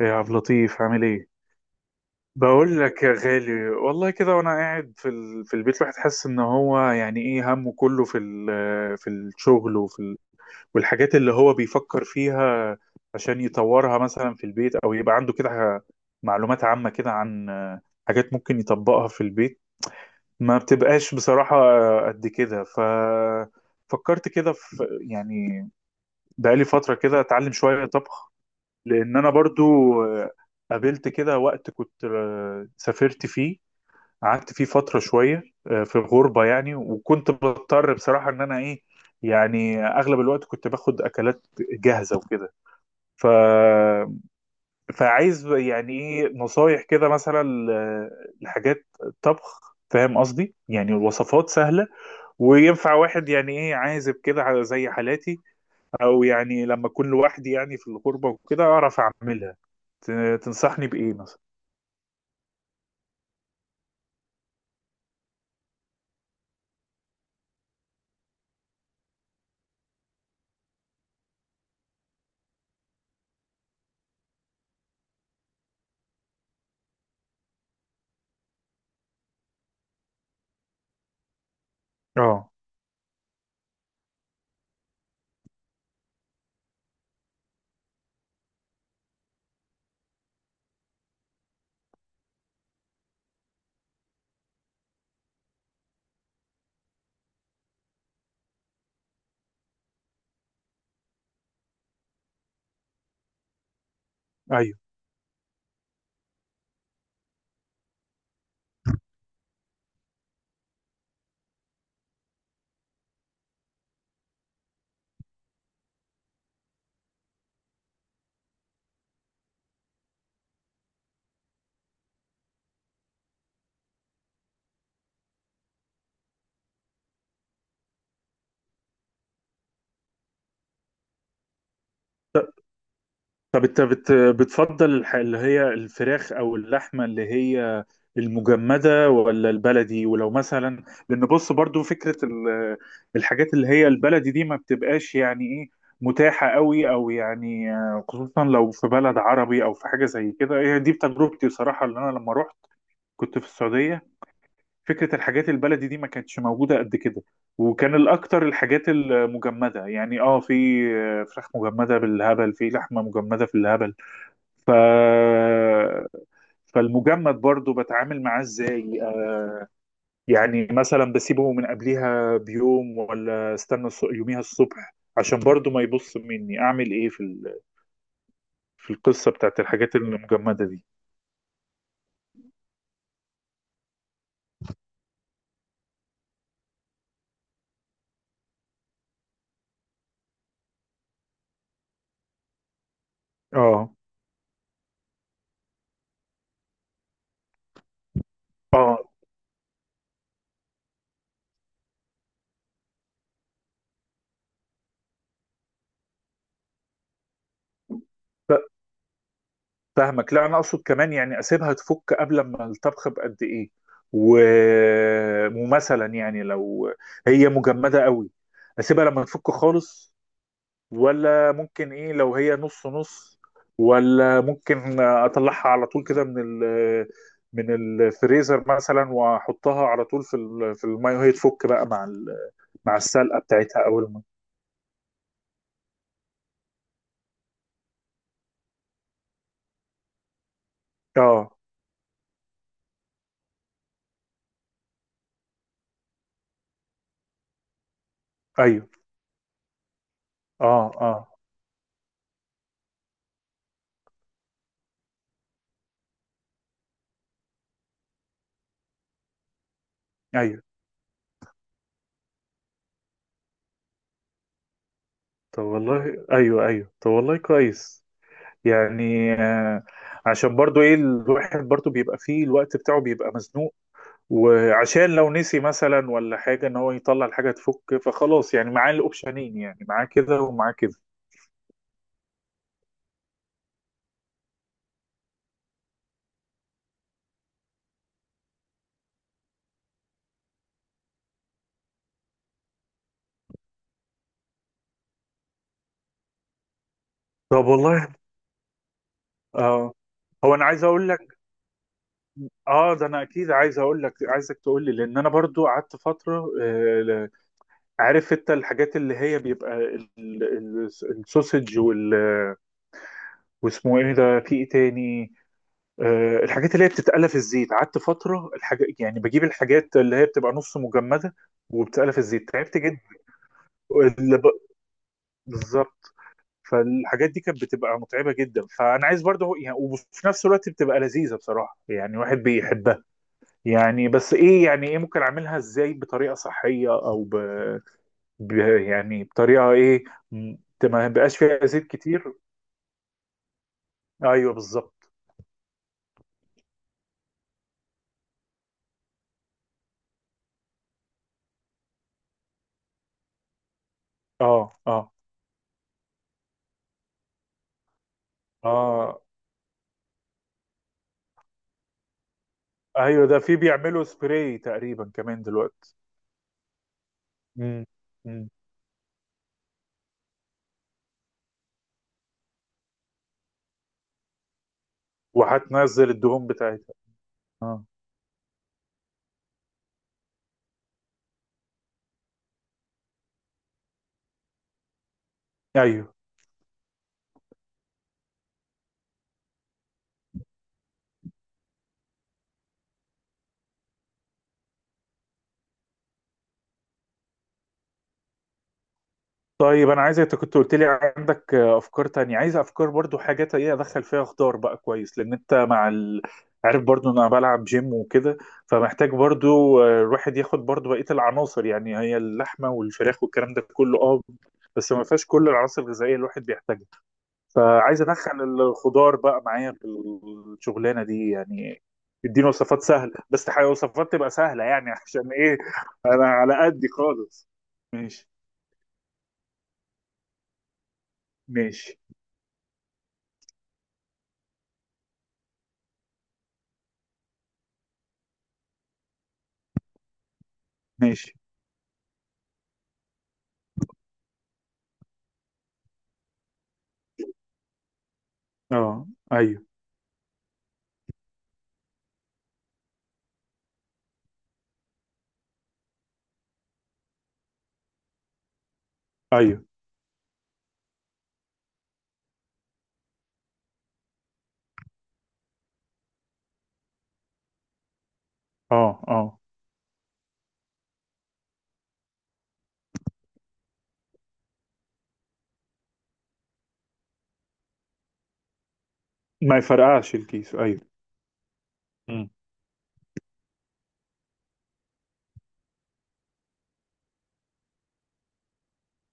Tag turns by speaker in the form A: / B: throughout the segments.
A: يا عبد اللطيف عامل ايه؟ بقول لك يا غالي والله كده، وانا قاعد في في البيت الواحد حاسس ان هو يعني ايه، همه كله في الشغل، والحاجات اللي هو بيفكر فيها عشان يطورها مثلا في البيت، او يبقى عنده كده معلومات عامة كده عن حاجات ممكن يطبقها في البيت. ما بتبقاش بصراحة قد كده، فكرت كده في، يعني، بقالي فترة كده اتعلم شوية طبخ. لان انا برضو آه، قابلت كده وقت كنت سافرت فيه، قعدت فيه فترة شوية في الغربة يعني، وكنت بضطر بصراحة ان انا ايه، يعني اغلب الوقت كنت باخد اكلات جاهزة وكده. ف... فعايز يعني ايه نصايح كده مثلا لحاجات طبخ، فاهم قصدي؟ يعني الوصفات سهلة وينفع واحد يعني ايه عازب كده، زي حالاتي، او يعني لما اكون لوحدي يعني في الغربه وكده اعرف اعملها. تنصحني بايه مثلا؟ اه. ايوه. طب انت بتفضل اللي هي الفراخ او اللحمه، اللي هي المجمده ولا البلدي؟ ولو مثلا، لان بص، برضو فكره الحاجات اللي هي البلدي دي ما بتبقاش يعني ايه متاحه قوي، او يعني خصوصا لو في بلد عربي او في حاجه زي كده. هي دي بتجربتي بصراحه، اللي انا لما رحت كنت في السعوديه، فكرة الحاجات البلدي دي ما كانتش موجودة قد كده، وكان الأكتر الحاجات المجمدة، يعني اه، في فراخ مجمدة بالهبل، في لحمة مجمدة في الهبل. ف... فالمجمد برضو بتعامل معاه ازاي يعني مثلا بسيبه من قبليها بيوم، ولا استنى يوميها الصبح؟ عشان برضو ما يبص مني اعمل ايه في القصة بتاعت الحاجات المجمدة دي. اه اه. فاهمك، لا انا اقصد كمان يعني اسيبها تفك قبل ما الطبخ بقد ايه، و... ومثلا يعني لو هي مجمده قوي اسيبها لما تفك خالص، ولا ممكن ايه لو هي نص نص، ولا ممكن اطلعها على طول كده من الفريزر مثلا، واحطها على طول في الميه وهي تفك بقى مع السلقه بتاعتها اول ما اه. ايوه. اه اه. ايوه. طب والله، ايوه ايوه. طب والله كويس، يعني عشان برضو ايه، الواحد برضو بيبقى فيه الوقت بتاعه بيبقى مزنوق، وعشان لو نسي مثلا ولا حاجة ان هو يطلع الحاجة تفك، فخلاص يعني معاه الاوبشنين، يعني معاه كده ومعاه كده. طب والله. اه. هو انا عايز اقول لك، اه ده انا اكيد عايز اقول لك، عايزك تقول لي، لان انا برضو قعدت فترة عارف انت الحاجات اللي هي بيبقى السوسج واسمه ايه ده، في ايه تاني، الحاجات اللي هي بتتقلى في الزيت، قعدت فترة الحاجة يعني بجيب الحاجات اللي هي بتبقى نص مجمدة وبتتقلى في الزيت، تعبت جدا. اللي ب... بالظبط. فالحاجات دي كانت بتبقى متعبة جدا، فأنا عايز برضه يعني، وفي نفس الوقت بتبقى لذيذة بصراحة، يعني واحد بيحبها يعني. بس إيه، يعني إيه ممكن أعملها إزاي بطريقة صحية، ب... يعني بطريقة إيه، م- ما بقاش فيها زيت كتير. أيوه بالظبط. أه أه أه. أيوه، ده في بيعملوا سبراي تقريبا كمان دلوقتي. مم. مم. وهتنزل الدهون بتاعتها. اه. ايوه. طيب، انا عايز، انت كنت قلت لي عندك افكار تانية، عايز افكار برضو، حاجات ايه ادخل فيها خضار بقى. كويس، لان انت عارف برضو ان انا بلعب جيم وكده، فمحتاج برضو الواحد ياخد برضو بقية العناصر. يعني هي اللحمة والفراخ والكلام ده كله اه، بس ما فيهاش كل العناصر الغذائية اللي الواحد بيحتاجها. فعايز ادخل الخضار بقى معايا في الشغلانه دي يعني. اديني وصفات سهله بس، وصفات تبقى سهله يعني عشان ايه، انا على قدي خالص. ماشي. ماشي. ماشي. اه. ايوه ايوه. اه اه. ما يفرقعش الكيس، ايوه. مم.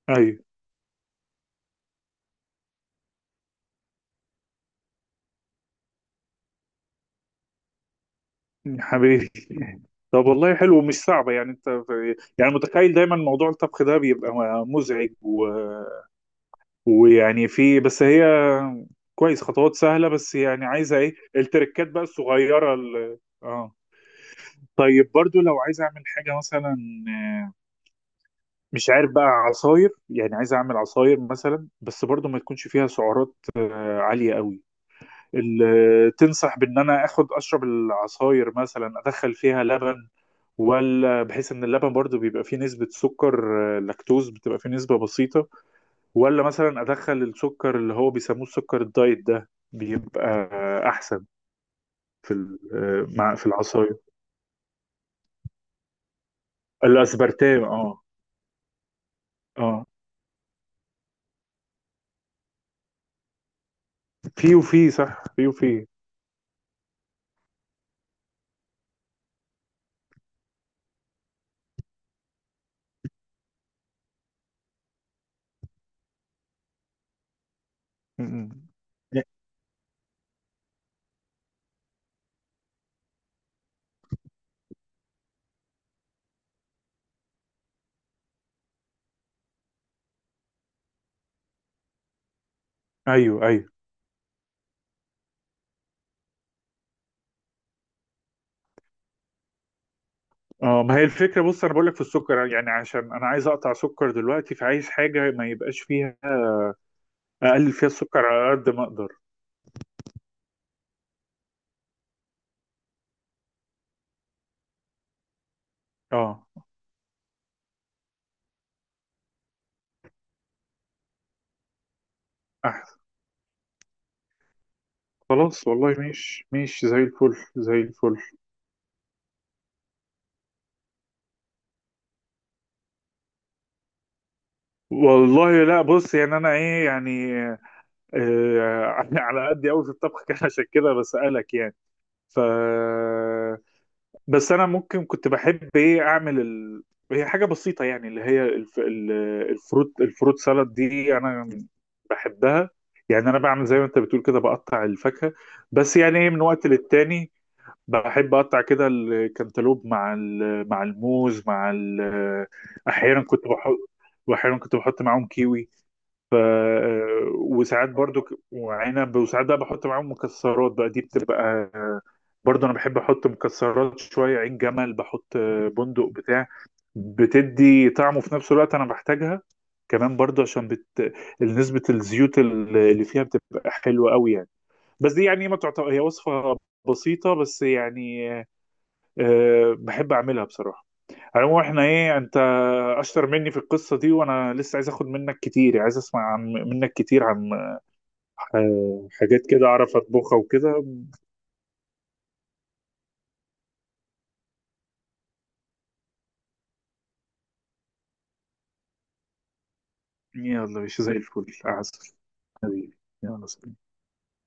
A: ايوه. يا حبيبي، طب والله حلو، ومش صعبه، يعني انت يعني متخيل دايما موضوع الطبخ ده بيبقى مزعج، ويعني في بس هي، كويس، خطوات سهلة بس، يعني عايزة ايه التركات بقى الصغيرة اه. طيب، برضو لو عايز اعمل حاجة مثلا، مش عارف بقى عصاير، يعني عايز اعمل عصاير مثلا، بس برضو ما تكونش فيها سعرات عالية قوي. تنصح بان انا اخد اشرب العصاير، مثلا ادخل فيها لبن، ولا بحيث ان اللبن برضو بيبقى فيه نسبة سكر لاكتوز، بتبقى فيه نسبة بسيطة؟ ولا مثلا ادخل السكر اللي هو بيسموه السكر الدايت ده، بيبقى احسن في ال- آه، مع في العصاير؟ الاسبرتام، اه. اه، في وفي، صح، في وفي م. ايوه ايوه. اه، ما هي الفكره، بص انا بقول لك في السكر، يعني عشان انا عايز اقطع سكر دلوقتي، فعايز حاجه ما يبقاش فيها، اقلل فيها السكر على قد ما اقدر. اه. احسن. خلاص والله، مش زي الفل، زي الفل. والله لا، بص، يعني انا ايه يعني آه، على قد قوي في الطبخ كان عشان كده بسألك يعني. ف بس انا ممكن كنت بحب ايه اعمل هي حاجه بسيطه يعني، اللي هي الفروت سالاد دي، انا بحبها. يعني انا بعمل زي ما انت بتقول كده، بقطع الفاكهه بس، يعني ايه، من وقت للتاني بحب اقطع كده الكنتالوب مع الموز احيانا كنت بحط، واحيانا كنت بحط معاهم كيوي. ف وساعات برضو وعنب، وساعات بقى بحط معاهم مكسرات بقى، دي بتبقى برضو، انا بحب احط مكسرات شويه، عين جمل بحط، بندق، بتاع بتدي طعم، وفي نفس الوقت انا بحتاجها كمان برضو، عشان نسبه الزيوت اللي فيها بتبقى حلوه قوي يعني. بس دي يعني ما تعتبر هي وصفه بسيطه بس، يعني بحب اعملها بصراحه. على العموم احنا ايه، انت اشطر مني في القصه دي، وانا لسه عايز اخد منك كتير، عايز اسمع عن منك كتير عن ح- حاجات كده أعرف أطبخها وكده. يلا، مش زي الفل، عسل حبيبي. يلا سلام.